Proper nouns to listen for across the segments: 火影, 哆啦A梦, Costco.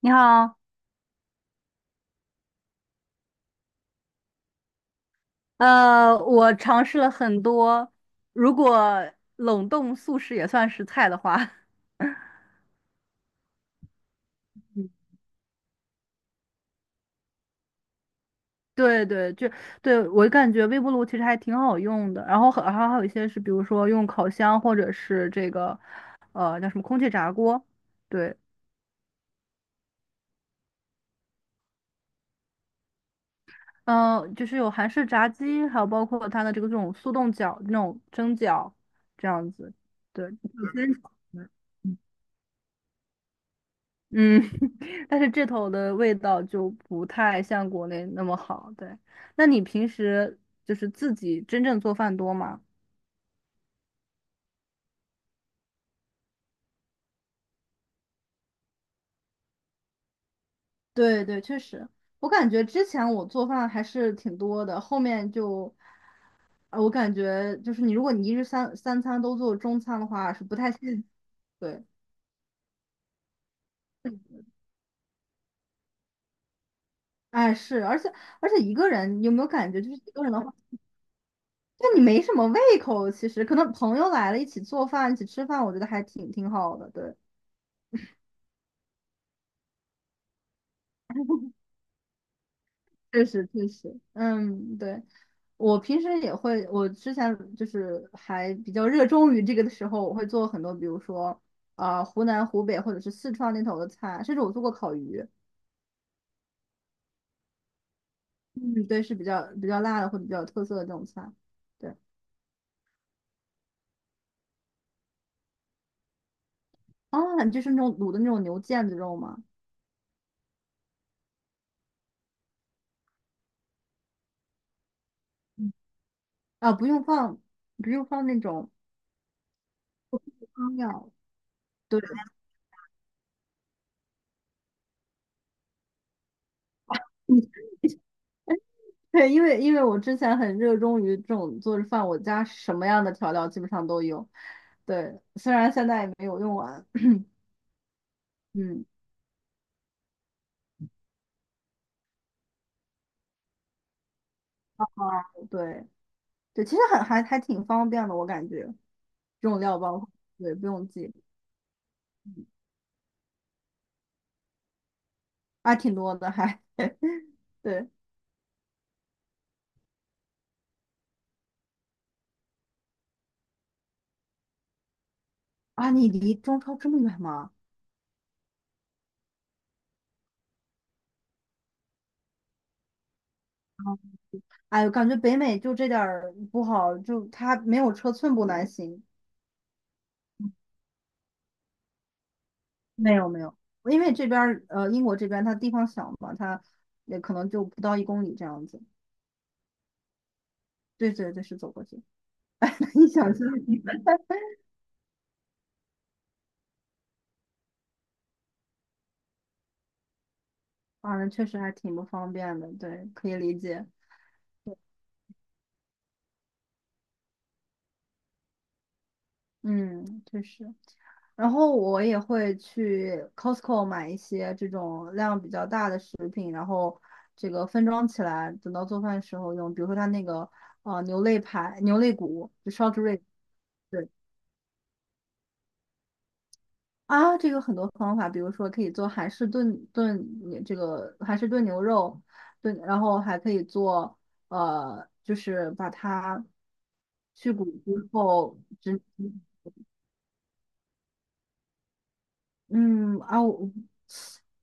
你好，我尝试了很多，如果冷冻素食也算是菜的话，嗯对对，就对我感觉微波炉其实还挺好用的，然后还有一些是，比如说用烤箱或者是这个，叫什么空气炸锅，对，就是有韩式炸鸡，还有包括它的这个这种速冻饺、那种蒸饺这样子，对，有煎饺，嗯嗯，但是这头的味道就不太像国内那么好。对，那你平时就是自己真正做饭多吗？对对，确实，我感觉之前我做饭还是挺多的，后面就，我感觉就是你，如果你一日三餐都做中餐的话，是不太现，对，哎是，而且一个人，你有没有感觉，就是一个人的话，就你没什么胃口，其实可能朋友来了一起做饭，一起吃饭，我觉得还挺好的，对。确实，确实，嗯，对，我平时也会，我之前就是还比较热衷于这个的时候，我会做很多，比如说，湖南、湖北或者是四川那头的菜，甚至我做过烤鱼，嗯，对，是比较辣的或者比较有特色的这种菜，对，啊，你就是那种卤的那种牛腱子肉吗？嗯啊，不用放，不用放那种汤料，对，对，因为我之前很热衷于这种做着饭，我家什么样的调料基本上都有。对，虽然现在也没有用完，嗯，对对，其实很还挺方便的，我感觉这种料包，对，不用记，嗯啊，挺多的还 对啊，你离中超这么远吗？哎呦，感觉北美就这点儿不好，就它没有车寸步难行。没有没有，因为这边儿英国这边它地方小嘛，它也可能就不到一公里这样子。对对对，是走过去。一想就是你们，啊，那确实还挺不方便的，对，可以理解。嗯，确实。然后我也会去 Costco 买一些这种量比较大的食品，然后这个分装起来，等到做饭时候用。比如说它那个牛肋排、牛肋骨，就烧猪肋，对，啊，这个很多方法，比如说可以做韩式炖这个韩式炖牛肉，炖，然后还可以做就是把它去骨之后只嗯啊，我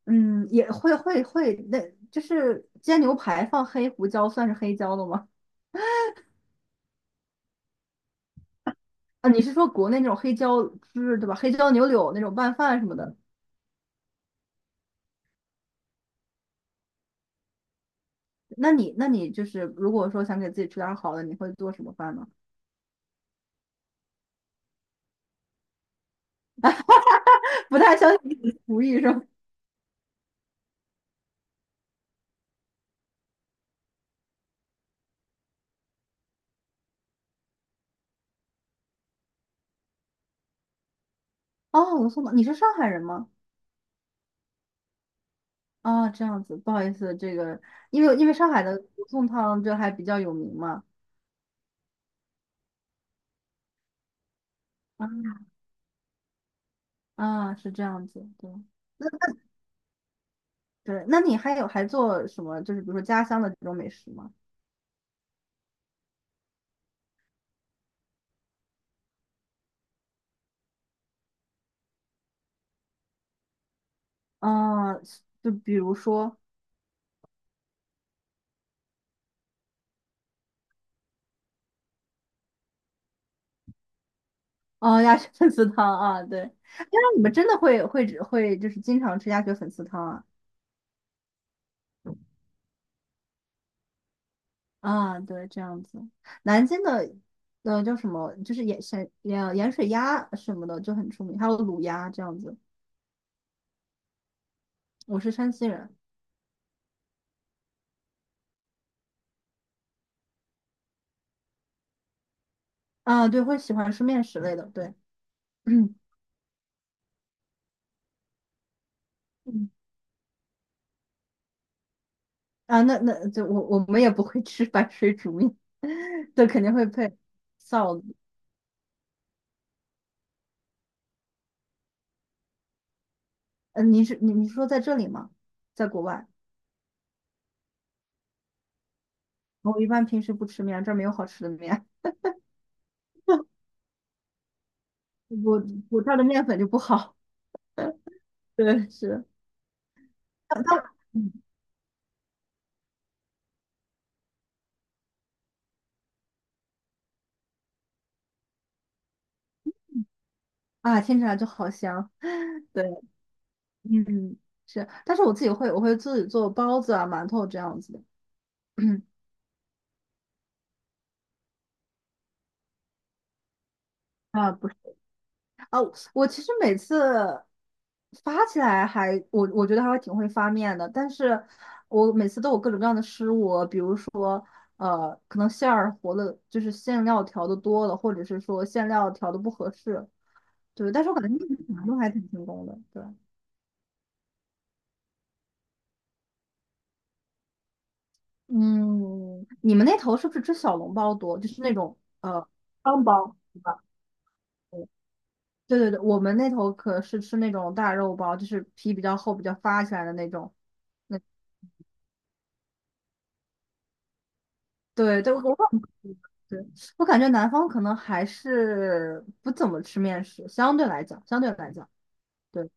嗯也会，那就是煎牛排放黑胡椒算是黑椒的吗？啊，你是说国内那种黑椒汁对吧？黑椒牛柳那种拌饭什么的？那你就是如果说想给自己吃点儿好的，你会做什么饭呢？不太相信你的厨艺是吧？哦，罗宋汤，你是上海人吗？啊、这样子，不好意思，这个因为上海的罗宋汤就还比较有名嘛。啊啊，是这样子，对对。那你还有还做什么？就是比如说家乡的这种美食吗？啊，就比如说哦，鸭血粉丝汤啊，对。哎，那你们真的会就是经常吃鸭血粉丝汤啊？啊，对，这样子。南京的，叫什么，就是盐山盐盐水鸭什么的就很出名，还有卤鸭这样子。我是山西人，啊，对，会喜欢吃面食类的，对，嗯，啊，那那就我们也不会吃白水煮面，对，肯定会配臊子。你是你说在这里吗？在国外，我一般平时不吃面，这儿没有好吃的面，我我这儿的面粉就不好，对，是，它嗯啊，听起来就好香。对。嗯，是，但是我自己会，我会自己做包子啊、馒头这样子的。啊，不是啊，我其实每次发起来还，我觉得还会挺会发面的，但是我每次都有各种各样的失误，比如说，可能馅儿和的，就是馅料调的多了，或者是说馅料调的不合适，对，但是我感觉面条都还挺成功的，对，嗯，你们那头是不是吃小笼包多，就是那种汤包，对吧？对对对，我们那头可是吃那种大肉包，就是皮比较厚、比较发起来的那种。那对对，我感觉对我感觉南方可能还是不怎么吃面食，相对来讲，对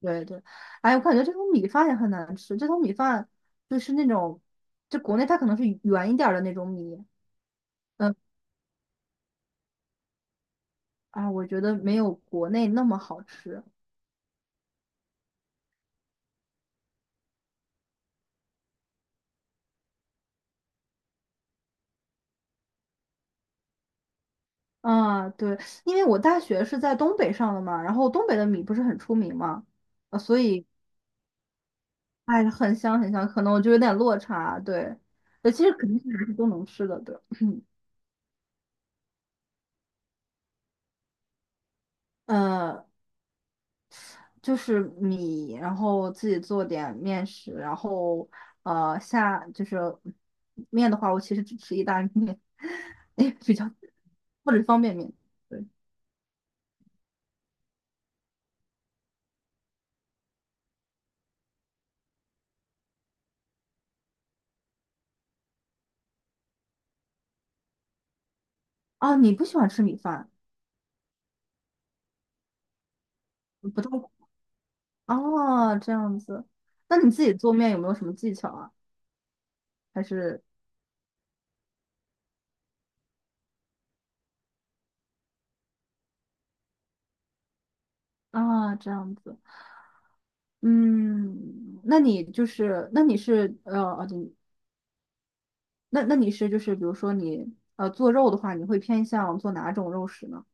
对对。哎，我感觉这种米饭也很难吃，这种米饭就是那种，就国内它可能是圆一点儿的那种米，嗯啊，我觉得没有国内那么好吃。啊，对，因为我大学是在东北上的嘛，然后东北的米不是很出名嘛，所以哎，很香，可能我就有点落差，对，其实肯定是都能吃的，对，呃，就是米，然后自己做点面食，然后呃下就是面的话，我其实只吃意大利面，哎，比较或者方便面，对，啊，你不喜欢吃米饭，不太哦，这样子，那你自己做面有没有什么技巧啊？还是啊，这样子。嗯，那你就是，那你是哦对那那你是就是比如说你做肉的话，你会偏向做哪种肉食呢？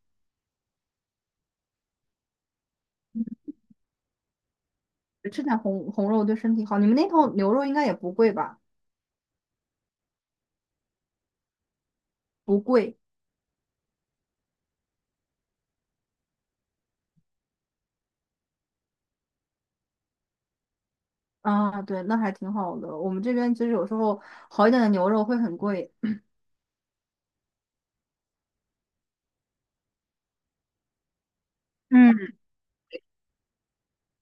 吃点红肉对身体好。你们那头牛肉应该也不贵吧？不贵啊，对，那还挺好的。我们这边其实有时候好一点的牛肉会很贵。嗯，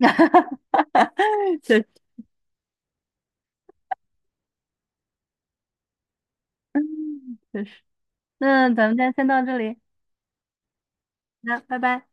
确实确实。那咱们今天先到这里，那拜拜。